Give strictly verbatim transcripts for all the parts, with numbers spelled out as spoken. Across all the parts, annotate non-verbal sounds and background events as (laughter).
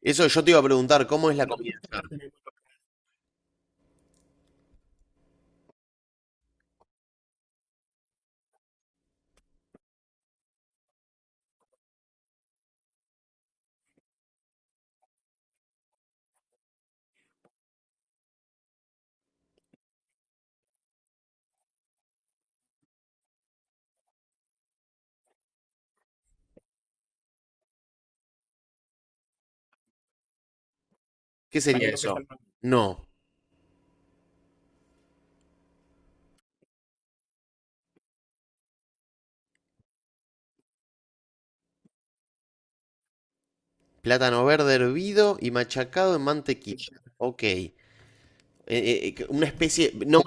Eso yo te iba a preguntar, ¿cómo es la comida? ¿Qué sería eso? No, plátano verde hervido y machacado en mantequilla. Ok. Eh, eh, una especie, no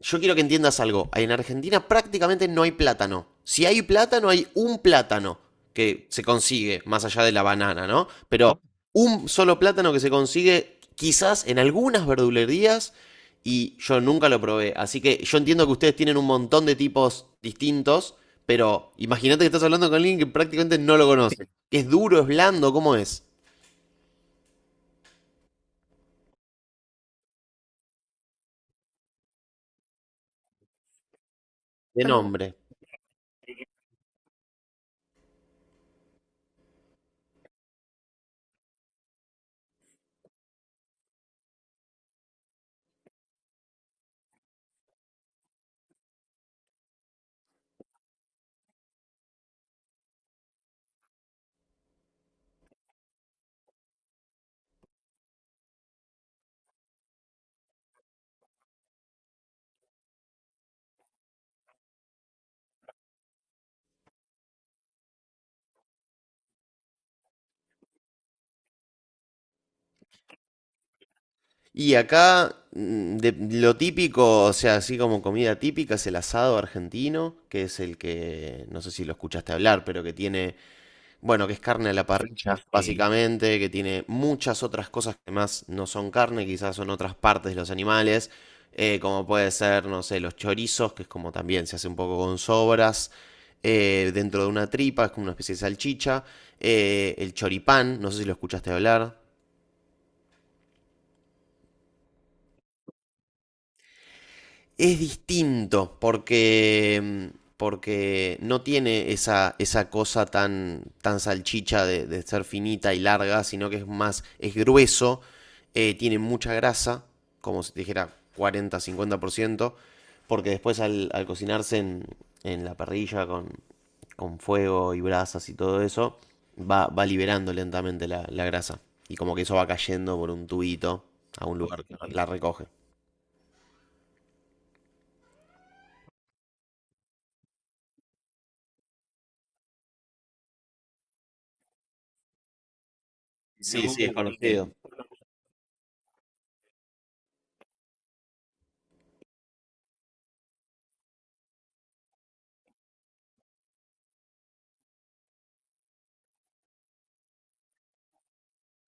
yo quiero que entiendas algo. En Argentina prácticamente no hay plátano. Si hay plátano, hay un plátano que se consigue, más allá de la banana, ¿no? Pero un solo plátano que se consigue quizás en algunas verdulerías y yo nunca lo probé. Así que yo entiendo que ustedes tienen un montón de tipos distintos, pero imagínate que estás hablando con alguien que prácticamente no lo conoce. Es duro, es blando, ¿cómo es? De nombre. Y acá, mm, de, lo típico, o sea, así como comida típica, es el asado argentino, que es el que, no sé si lo escuchaste hablar, pero que tiene, bueno, que es carne a la parrilla, básicamente, que tiene muchas otras cosas que más no son carne, quizás son otras partes de los animales, eh, como puede ser, no sé, los chorizos, que es como también se hace un poco con sobras, eh, dentro de una tripa, es como una especie de salchicha, eh, el choripán, no sé si lo escuchaste hablar. Es distinto porque, mm, porque no tiene esa esa cosa tan tan salchicha de, de ser finita y larga, sino que es más, es grueso, eh, tiene mucha grasa, como si te dijera cuarenta a cincuenta por ciento, porque después al, al cocinarse en, en la parrilla con, con fuego y brasas y todo eso, va, va liberando lentamente la, la grasa. Y como que eso va cayendo por un tubito a un lugar que la recoge. Sí, sí, es conocido.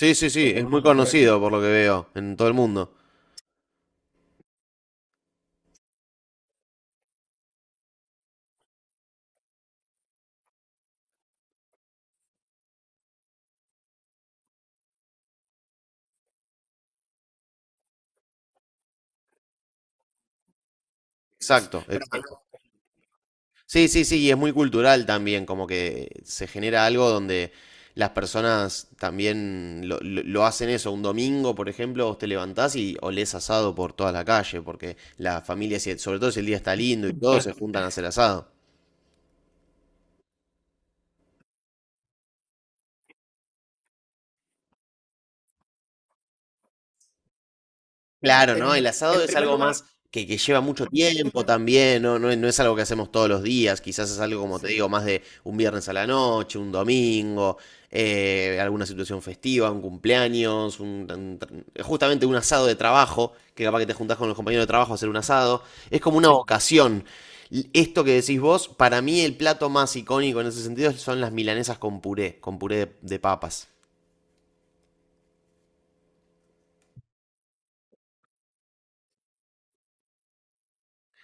Sí, sí, sí, es muy conocido por lo que veo en todo el mundo. Exacto, exacto. Sí, sí, sí, y es muy cultural también, como que se genera algo donde las personas también lo, lo- lo hacen eso. Un domingo, por ejemplo, vos te levantás y olés asado por toda la calle, porque la familia, si- sobre todo si el día está lindo y todo, se juntan a hacer asado. Claro, ¿no? El Termi- asado en es primer algo lugar, más que, que lleva mucho tiempo también, ¿no? No, es no es algo que hacemos todos los días, quizás es algo, como te, sí, digo, más de un viernes a la noche, un domingo, eh, alguna situación festiva, un cumpleaños, un- un tra- justamente un asado de trabajo, que capaz que te juntás con los compañeros de trabajo a hacer un asado, es como una, sí, ocasión. L- Esto que decís vos, para mí el plato más icónico en ese sentido son las milanesas con puré, con puré de, de papas.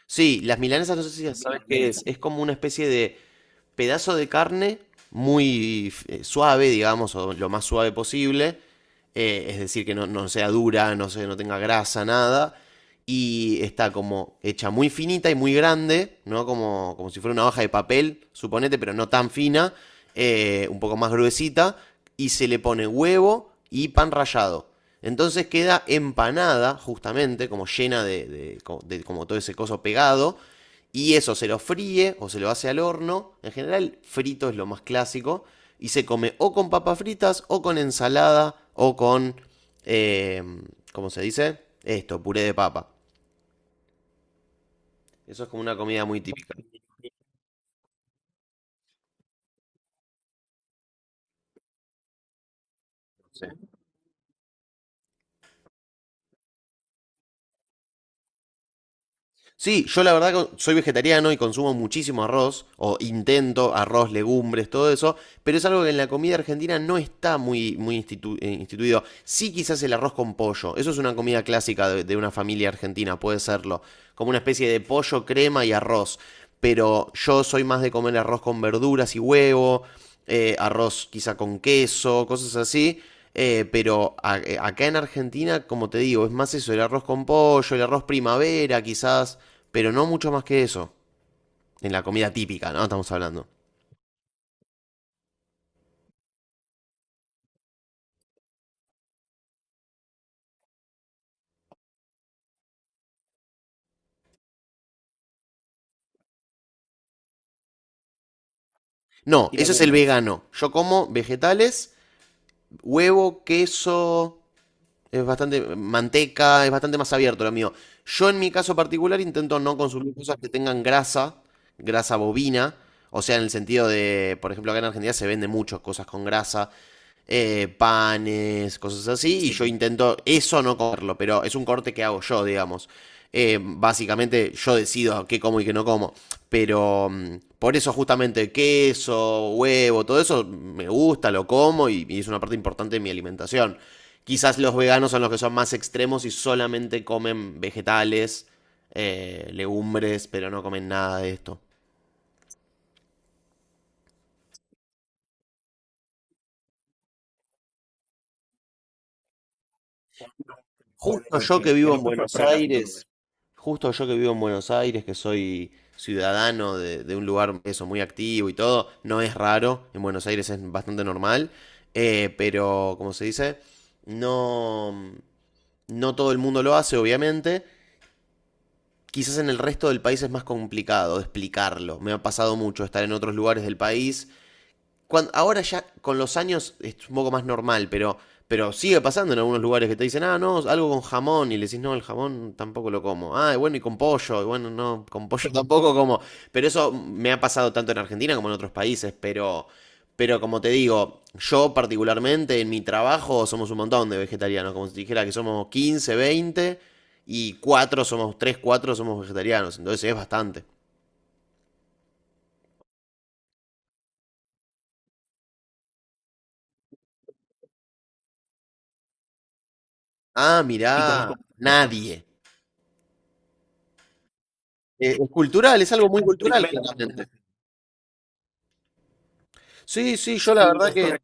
Sí, las milanesas no sé si sabes qué es, milanesa. Es como una especie de pedazo de carne muy eh, suave, digamos, o lo más suave posible. Eh, es decir, que no, no sea dura, no, se- no tenga grasa, nada. Y está como hecha muy finita y muy grande, ¿no? Como, como si fuera una hoja de papel, suponete, pero no tan fina, eh, un poco más gruesita. Y se le pone huevo y pan rallado. Entonces queda empanada, justamente, como llena de, de- co- de como todo ese coso pegado. Y eso se lo fríe o se lo hace al horno. En general, frito es lo más clásico. Y se come o con papas fritas, o con ensalada, o con. Eh, ¿Cómo se dice? Esto, puré de papa. Eso es como una comida muy típica. Sí, yo la verdad que soy vegetariano y consumo muchísimo arroz, o intento arroz, legumbres, todo eso, pero es algo que en la comida argentina no está muy, muy institu- eh, instituido. Sí, quizás el arroz con pollo, eso es una comida clásica de, de una familia argentina, puede serlo, como una especie de pollo, crema y arroz, pero yo soy más de comer arroz con verduras y huevo, eh, arroz quizá con queso, cosas así. Eh, pero a- eh, acá en Argentina, como te digo, es más eso, el arroz con pollo, el arroz primavera quizás, pero no mucho más que eso. En la comida típica, ¿no? Estamos hablando. No, eso es el vegano. Yo como vegetales, huevo, queso, es bastante manteca, es bastante más abierto lo mío. Yo en mi caso particular intento no consumir cosas que tengan grasa, grasa bovina, o sea, en el sentido de, por ejemplo, acá en Argentina se venden muchas cosas con grasa, eh, panes, cosas así, y yo intento eso no comerlo, pero es un corte que hago yo, digamos. Eh, básicamente yo decido qué como y qué no como, pero, mm, por eso justamente queso, huevo, todo eso me gusta, lo como y, y es una parte importante de mi alimentación. Quizás los veganos son los que son más extremos y solamente comen vegetales, eh, legumbres, pero no comen nada de esto. Justo yo que vivo en Buenos Aires, Justo yo que vivo en Buenos Aires, que soy ciudadano de, de un lugar eso, muy activo y todo, no es raro, en Buenos Aires es bastante normal, eh, pero como se dice, no, no todo el mundo lo hace, obviamente. Quizás en el resto del país es más complicado de explicarlo. Me ha pasado mucho estar en otros lugares del país cuando, ahora ya con los años es un poco más normal, pero, pero sigue pasando en algunos lugares que te dicen, ah, no, algo con jamón, y le decís, no, el jamón tampoco lo como. Ah, y bueno, y con pollo, y bueno, no, con pollo (laughs) tampoco como. Pero eso me ha pasado tanto en Argentina como en otros países, pero, pero como te digo, yo particularmente en mi trabajo somos un montón de vegetarianos, como si dijera que somos quince veinte y cuatro somos, tres cuatro somos vegetarianos, entonces es bastante. Ah, mirá, nadie. Eh, es cultural, es algo muy cultural, claramente. Sí, sí, yo la verdad que.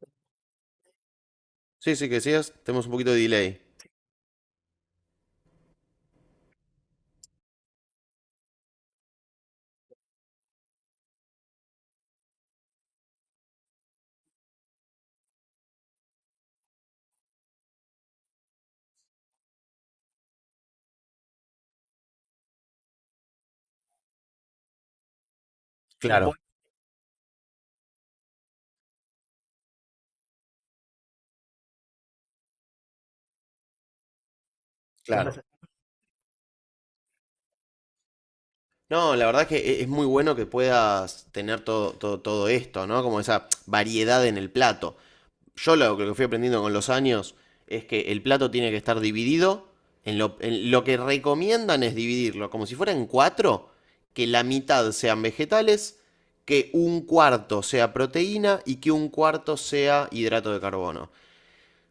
Sí, sí, que decías, tenemos un poquito de delay. Claro, claro. No, la verdad que e- es muy bueno que puedas tener todo, todo, todo esto, ¿no? Como esa variedad en el plato. Yo, lo, que fui aprendiendo con los años, es que el plato tiene que estar dividido. En lo, en lo que recomiendan es dividirlo, como si fueran cuatro, que la mitad sean vegetales, que un cuarto sea proteína y que un cuarto sea hidrato de carbono.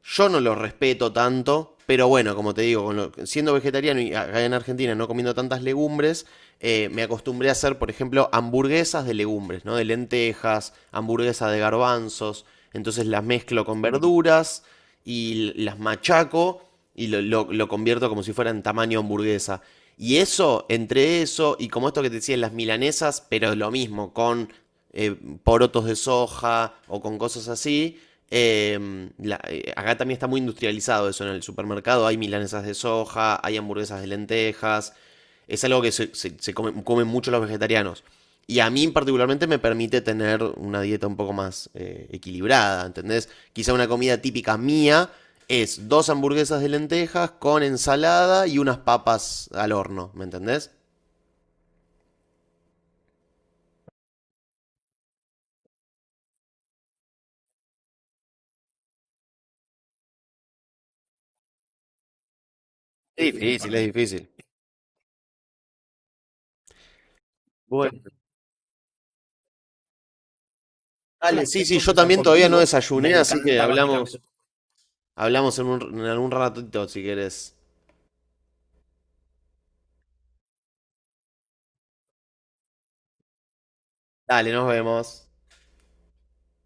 Yo no los respeto tanto, pero bueno, como te digo, con lo- siendo vegetariano y acá en Argentina no comiendo tantas legumbres, eh, me acostumbré a hacer, por ejemplo, hamburguesas de legumbres, ¿no? De lentejas, hamburguesas de garbanzos, entonces las mezclo con verduras y las machaco y lo, lo- lo convierto como si fuera en tamaño hamburguesa. Y eso, entre eso y como esto que te decía, las milanesas, pero lo mismo, con eh, porotos de soja o con cosas así, eh, la- eh, acá también está muy industrializado eso, ¿no? En el supermercado. Hay milanesas de soja, hay hamburguesas de lentejas. Es algo que se, se- se come- comen mucho los vegetarianos. Y a mí particularmente me permite tener una dieta un poco más eh, equilibrada, ¿entendés? Quizá una comida típica mía es dos hamburguesas de lentejas con ensalada y unas papas al horno, ¿me entendés? Es difícil, es difícil. Dale, sí, sí, yo también todavía no desayuné, así que hablamos. Hablamos en un, en algún ratito si querés. Dale, nos vemos.